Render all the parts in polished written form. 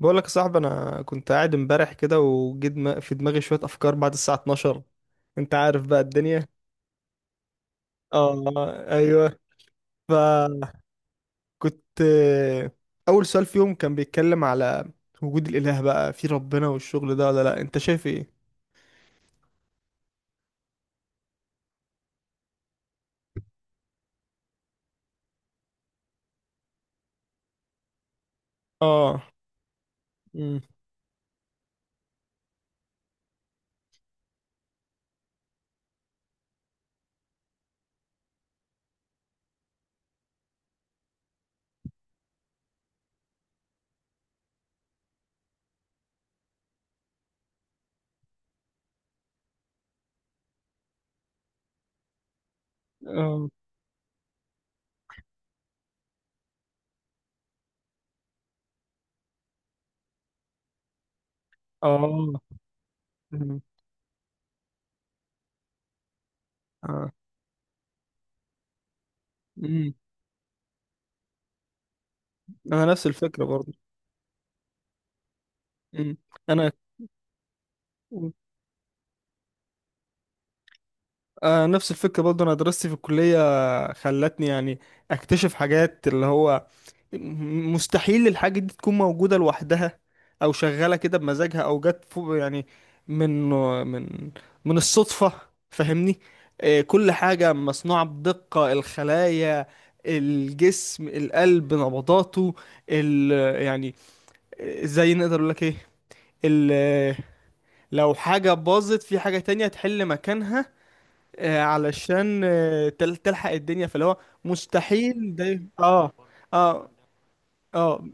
بقول لك يا صاحبي، انا كنت قاعد امبارح كده وجيت في دماغي شويه افكار بعد الساعه 12. انت عارف بقى الدنيا. اه. ايوه. فكنت اول سؤال فيهم كان بيتكلم على وجود الاله، بقى في ربنا والشغل ده ولا لا؟ انت شايف ايه؟ اه. امم. اه. اه. مم. اه. امم. انا نفس الفكره برضه. امم. انا آه نفس الفكره برضه. انا دراستي في الكليه خلتني يعني اكتشف حاجات اللي هو مستحيل الحاجة دي تكون موجودة لوحدها، أو شغالة كده بمزاجها، أو جت فوق يعني من من من الصدفة. فاهمني؟ آه، كل حاجة مصنوعة بدقة: الخلايا، الجسم، القلب نبضاته، ال يعني، زي نقدر أقول لك إيه، ال آه، لو حاجة باظت في حاجة تانية تحل مكانها، علشان تلحق الدنيا، فاللي هو مستحيل ده. اه. اه. اه.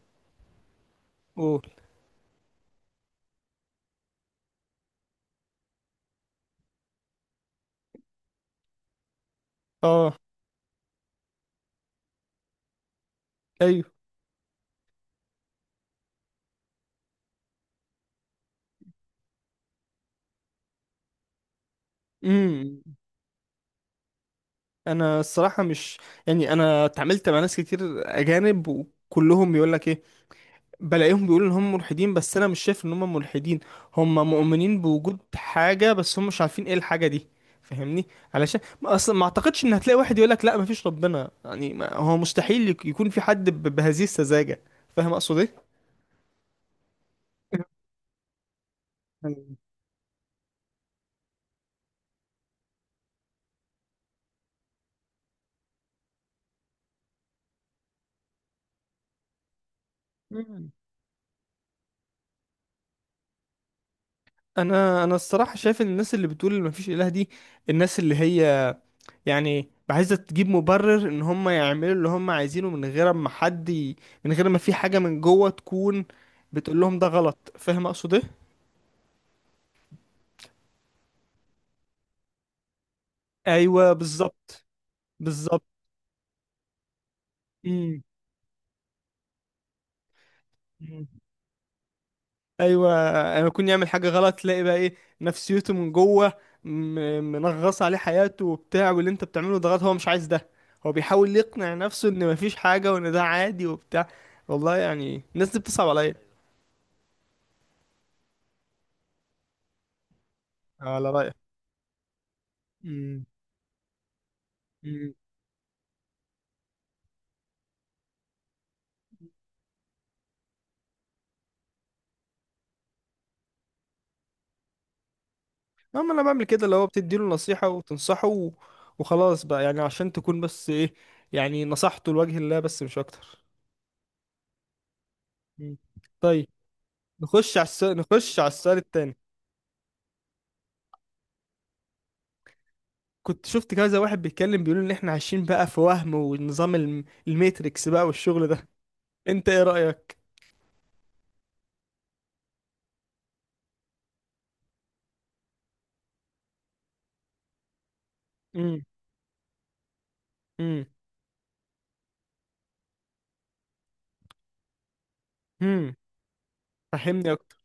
أوه. اه. ايوه. امم. انا الصراحه مش، يعني انا اتعاملت مع ناس كتير اجانب وكلهم بيقول لك ايه، بلاقيهم بيقولوا ان هم ملحدين. بس انا مش شايف ان هم ملحدين. هم مؤمنين بوجود حاجه، بس هم مش عارفين ايه الحاجه دي. فاهمني؟ علشان ما اصلا ما اعتقدش ان هتلاقي واحد يقول لك لا مفيش ربنا، يعني ما هو مستحيل يكون في حد بهذه السذاجه. فاهم اقصد ايه؟ مم. انا الصراحه شايف ان الناس اللي بتقول ما فيش اله دي، الناس اللي هي يعني عايزة تجيب مبرر ان هم يعملوا اللي هم عايزينه من غير ما حد ي...، من غير ما في حاجة من جوه تكون بتقول لهم ده غلط. فاهم اقصد ايه؟ ايوه بالظبط. بالظبط. مم. مم. ايوه. انا يكون يعمل حاجة غلط، تلاقي بقى ايه نفسيته من جوه، منغص عليه حياته وبتاع، واللي انت بتعمله ده غلط، هو مش عايز ده. هو بيحاول يقنع نفسه ان مفيش حاجة وان ده عادي وبتاع. والله يعني الناس دي بتصعب عليا. على رأيك. مم. اما انا بعمل كده، اللي هو بتديله نصيحة وتنصحه و- وخلاص بقى، يعني عشان تكون بس ايه، يعني نصحته لوجه الله بس مش اكتر. مم. طيب، نخش على السؤال، نخش على السؤال التاني. كنت شفت كذا واحد بيتكلم بيقول ان احنا عايشين بقى في وهم ونظام الميتريكس بقى والشغل ده. انت ايه رأيك؟ امم. امم. امم. فهمني اكتر.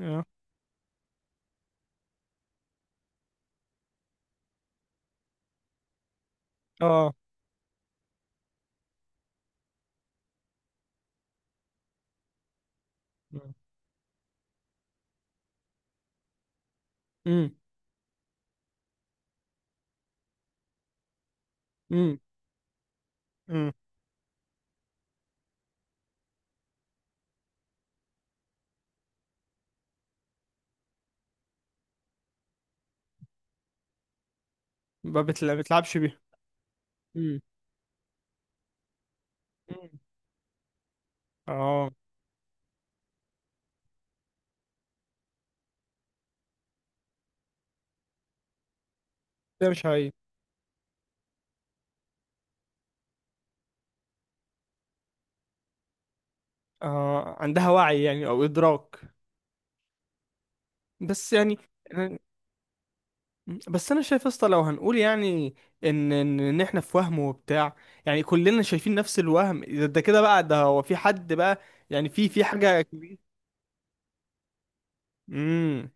اه. اه. امم. امم. امم. ما بتلع- بتلعبش بيها. امم. اه. ده مش هي. اه عندها وعي يعني او ادراك. بس يعني أنا- بس انا شايف يا اسطى، لو هنقول يعني ان إن احنا في وهم وبتاع، يعني كلنا شايفين نفس الوهم ده، ده كده بقى ده هو في حد بقى، يعني في في حاجه كبيره. امم.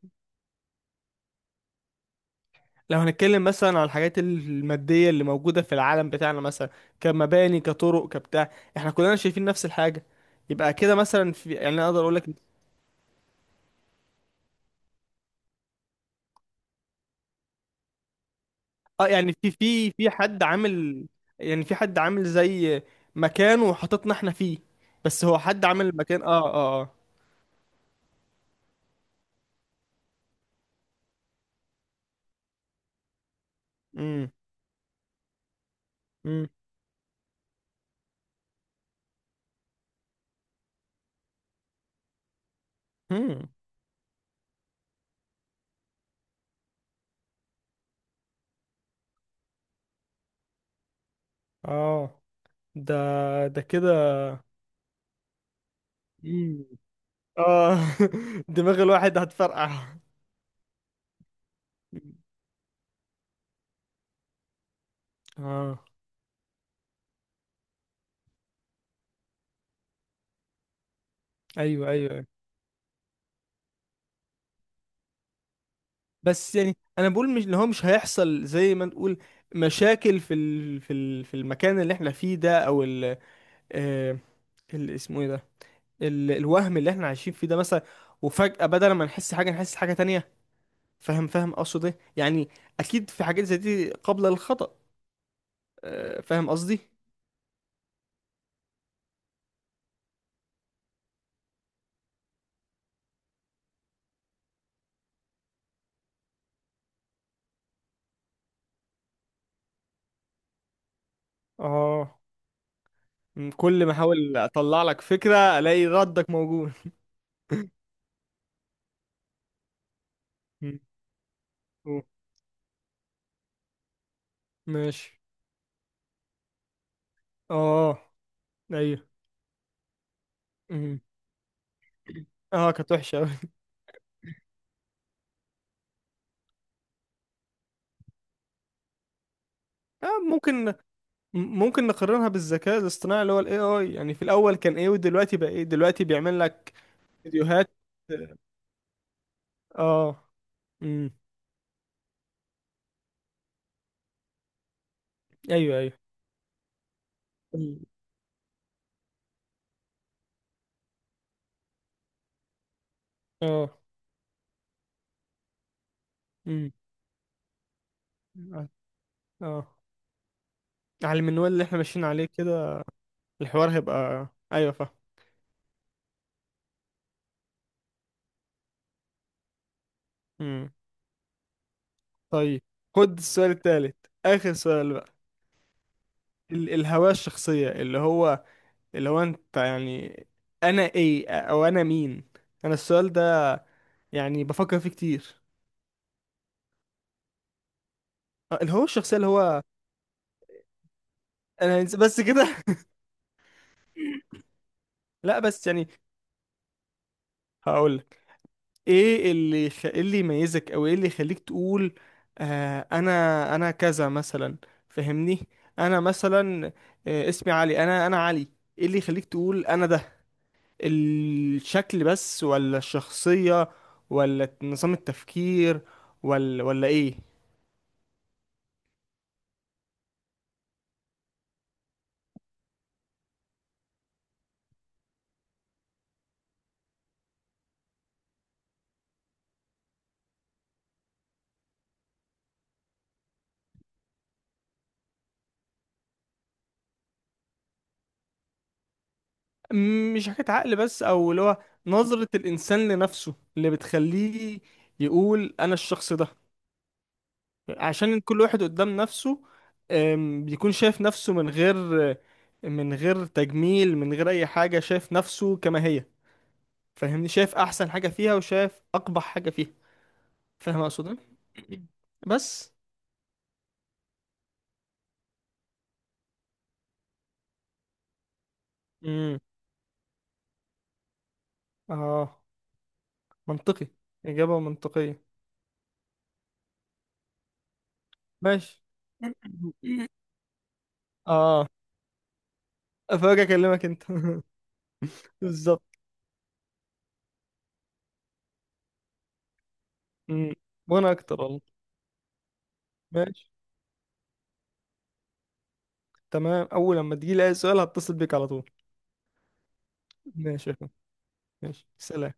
لو هنتكلم مثلا على الحاجات الماديه اللي موجوده في العالم بتاعنا، مثلا كمباني كطرق كبتاع، احنا كلنا شايفين نفس الحاجه، يبقى كده مثلا في يعني، انا اقدر اقول لك اه يعني في حد عامل، يعني في حد عامل زي مكان وحطتنا احنا فيه، بس هو حد عامل المكان اه. اه. اه. امم. امم. امم. اه. ده. ده كده. امم. اه. دماغ الواحد هتفرقع. مم. اه. ايوه. ايوه. أيوة. بس يعني انا بقول مش اللي هو مش هيحصل، زي ما نقول مشاكل في ال... في ال... في المكان اللي احنا فيه ده او ال... آه... ال... اسمه ايه ده، ال... الوهم اللي احنا عايشين فيه ده مثلا، وفجأة بدل ما نحس حاجة نحس حاجة تانية. فاهم؟ فاهم اقصد ايه يعني؟ اكيد في حاجات زي دي قابلة للخطأ. آه... فاهم قصدي؟ اه. مم، كل ما احاول اطلع لك فكرة الاقي ردك موجود. مم، أوه، ماشي. اه. ايوه. مم. اه كانت وحشة أوي. آه ممكن، ممكن نقارنها بالذكاء الاصطناعي اللي هو الاي اي، يعني في الاول كان ايه ودلوقتي بقى ايه، دلوقتي بيعمل لك فيديوهات. اه. امم. ايوه ايوه. ال- اه. امم. اه. آه. على المنوال اللي احنا ماشيين عليه كده، الحوار هيبقى. ايوه فاهم. امم. طيب، خد السؤال التالت، اخر سؤال بقى. الهوية الشخصية، اللي هو اللي هو انت يعني، انا ايه او انا مين. انا السؤال ده يعني بفكر فيه كتير. آه، الهوية الشخصية اللي هو انا بس كده. لا بس يعني، هقولك، ايه اللي خ... إيه اللي يميزك او ايه اللي يخليك تقول آه انا، انا كذا مثلا. فهمني، انا مثلا آه اسمي علي، انا علي. ايه اللي يخليك تقول انا ده؟ الشكل بس ولا الشخصية ولا نظام التفكير ولا ايه؟ مش حكاية عقل بس، او اللي هو نظرة الانسان لنفسه اللي بتخليه يقول انا الشخص ده. عشان كل واحد قدام نفسه، بيكون شايف نفسه من غير، من غير تجميل، من غير اي حاجة، شايف نفسه كما هي. فاهمني؟ شايف احسن حاجة فيها وشايف اقبح حاجة فيها. فاهم اقصد إيه؟ بس. امم. اه. منطقي. إجابة منطقية. ماشي. اه. افرجك اكلمك انت. بالظبط. مم. وانا اكتر والله. ماشي تمام، اول لما تجي لي اي سؤال هتصل بيك على طول. ماشي يا اخويا. ماشي سلام.